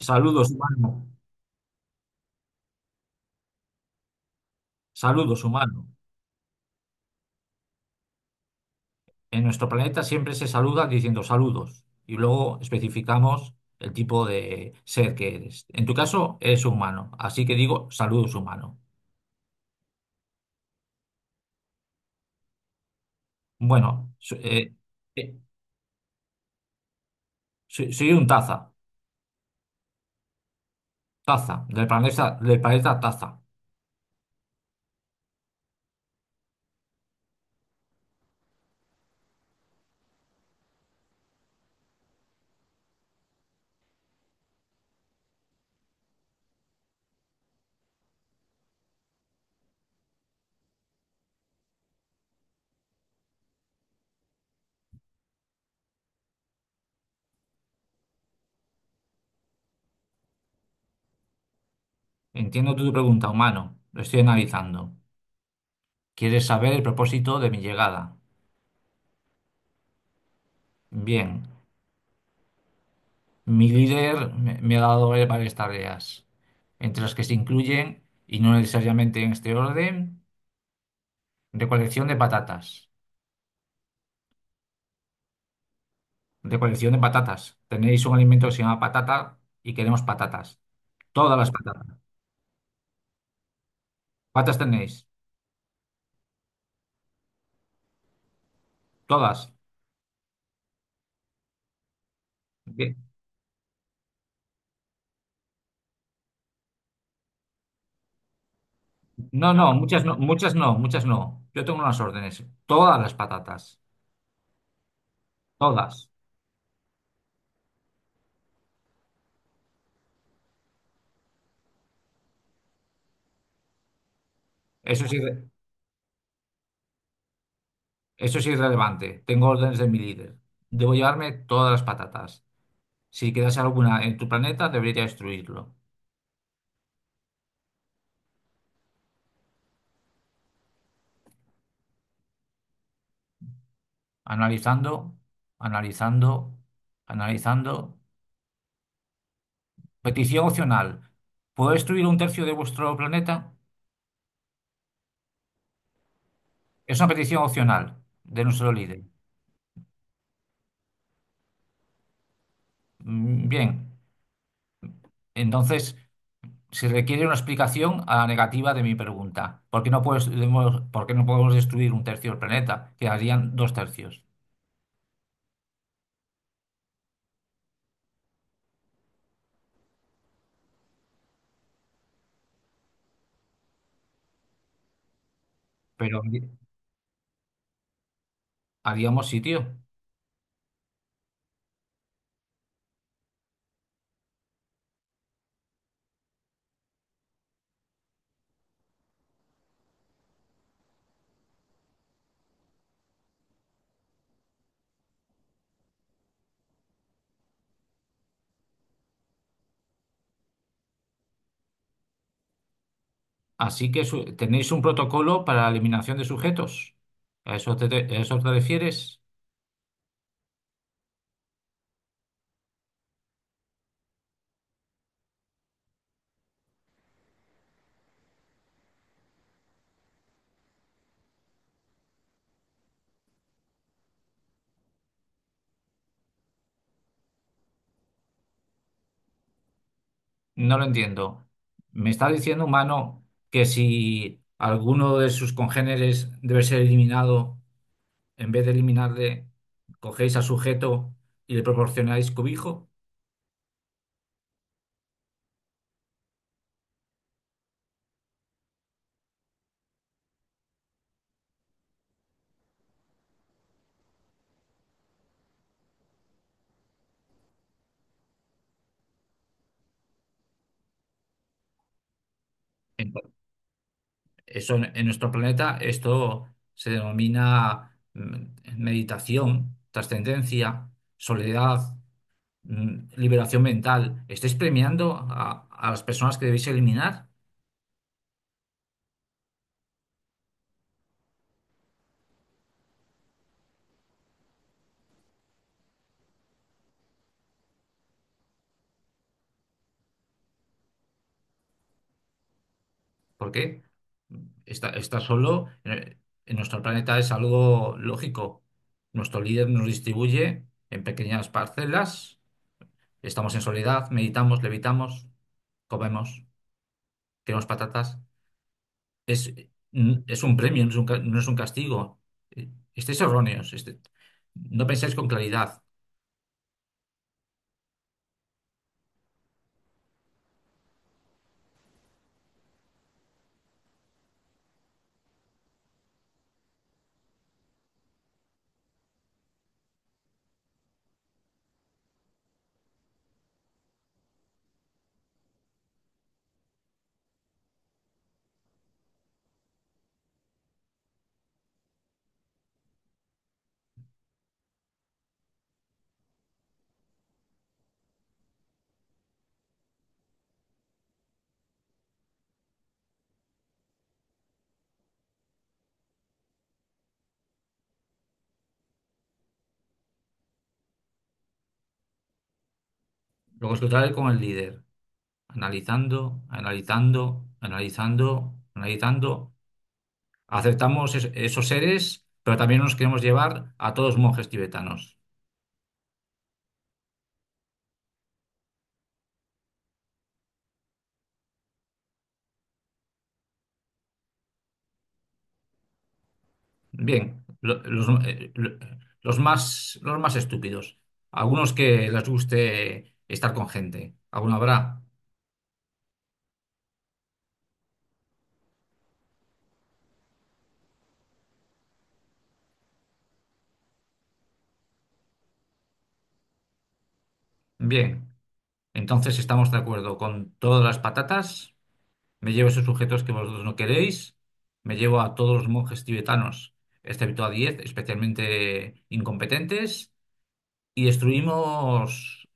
Saludos, humano. Saludos, humano. En nuestro planeta siempre se saluda diciendo saludos y luego especificamos el tipo de ser que eres. En tu caso, eres humano, así que digo saludos, humano. Bueno, eh, soy un taza, del planeta taza. Entiendo tu pregunta, humano. Lo estoy analizando. ¿Quieres saber el propósito de mi llegada? Bien. Mi líder me ha dado varias tareas, entre las que se incluyen, y no necesariamente en este orden, recolección de patatas. Recolección de patatas. Tenéis un alimento que se llama patata y queremos patatas. Todas las patatas. ¿Patas tenéis? Todas. Bien. No, no, muchas no, muchas no, muchas no. Yo tengo unas órdenes. Todas las patatas. Todas. Eso es irre- Eso es irrelevante. Tengo órdenes de mi líder. Debo llevarme todas las patatas. Si quedase alguna en tu planeta, debería destruirlo. Analizando, analizando, analizando. Petición opcional. ¿Puedo destruir un tercio de vuestro planeta? Es una petición opcional de nuestro líder. Mm, bien, entonces se requiere una explicación a la negativa de mi pregunta. Por qué no podemos destruir un tercio del planeta? Quedarían dos tercios. Pero haríamos sitio. Así que tenéis un protocolo para la eliminación de sujetos. A eso te refieres? No lo entiendo. ¿Me está diciendo, humano, que si alguno de sus congéneres debe ser eliminado, en vez de eliminarle, cogéis al sujeto y le proporcionáis cobijo? En- Eso en nuestro planeta, esto se denomina meditación, trascendencia, soledad. Liberación mental. ¿Estáis premiando a las personas que debéis eliminar? ¿Por qué? Está solo en nuestro planeta es algo lógico. Nuestro líder nos distribuye en pequeñas parcelas. Estamos en soledad, meditamos, levitamos, comemos, queremos patatas. Es, es un premio, no es no es un castigo. Estáis erróneos. No pensáis con claridad. Lo contrario con el líder. Analizando, analizando, analizando, analizando. Aceptamos esos seres, pero también nos queremos llevar a todos monjes tibetanos. Bien, los más estúpidos. Algunos que les guste estar con gente. Alguno habrá. Bien, entonces estamos de acuerdo con todas las patatas. Me llevo esos sujetos que vosotros no queréis. Me llevo a todos los monjes tibetanos, excepto a 10, especialmente incompetentes y destruimos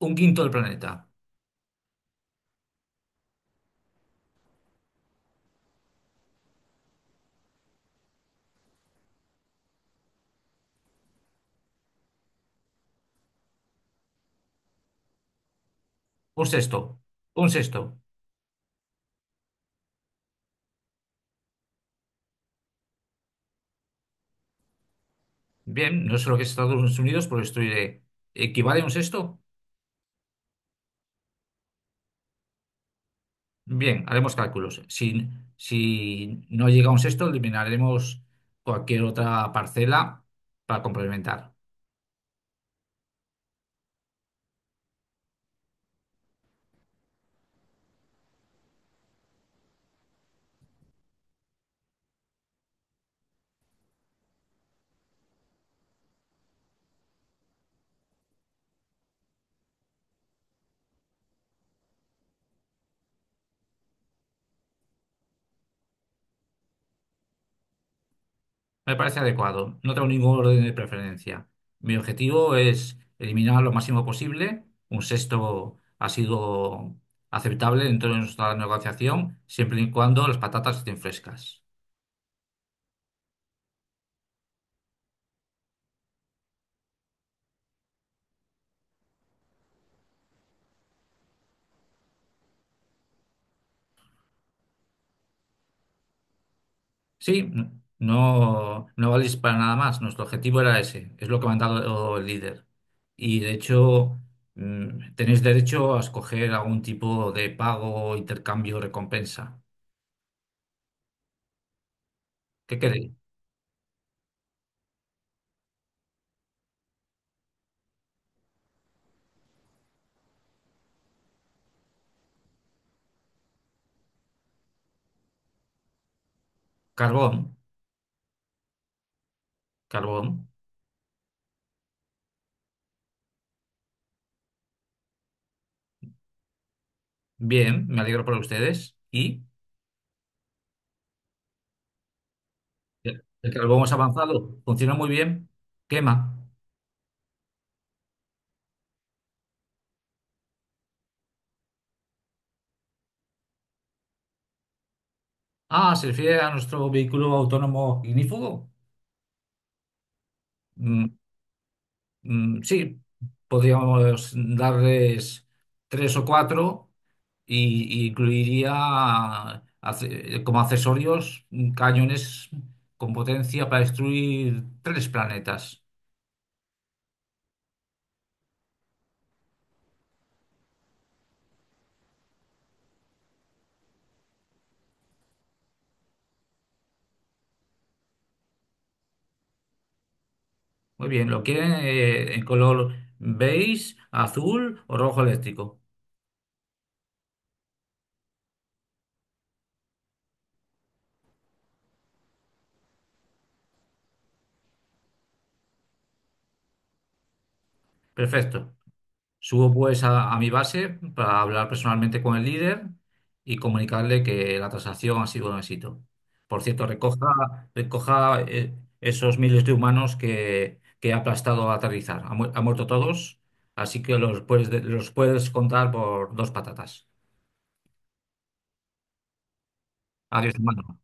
un quinto del planeta, un sexto, un sexto. Bien, no sé lo que es Estados Unidos, pero destruiré. ¿Equivale a un sexto? Bien, haremos cálculos. Si, si no llega a un sexto, eliminaremos cualquier otra parcela para complementar. Me parece adecuado. No tengo ningún orden de preferencia. Mi objetivo es eliminar lo máximo posible. Un sexto ha sido aceptable dentro de nuestra negociación, siempre y cuando las patatas estén frescas. Sí, no valís para nada más. Nuestro objetivo era ese. Es lo que me ha dado el líder. Y de hecho, tenéis derecho a escoger algún tipo de pago, intercambio, recompensa. ¿Qué queréis? Carbón. Carbón. Bien, me alegro por ustedes. ¿Y el carbón es avanzado? Funciona muy bien. Quema. Ah, ¿se refiere a nuestro vehículo autónomo ignífugo? Mm, mm, sí, podríamos darles tres o cuatro y incluiría como accesorios cañones con potencia para destruir tres planetas. Muy bien, ¿lo quieren en color beige, azul o rojo eléctrico? Perfecto. Subo pues a mi base para hablar personalmente con el líder y comunicarle que la transacción ha sido un éxito. Por cierto, recoja, esos miles de humanos que ha aplastado a aterrizar. Ha muerto todos, así que los puedes contar por dos patatas. Adiós, humanos.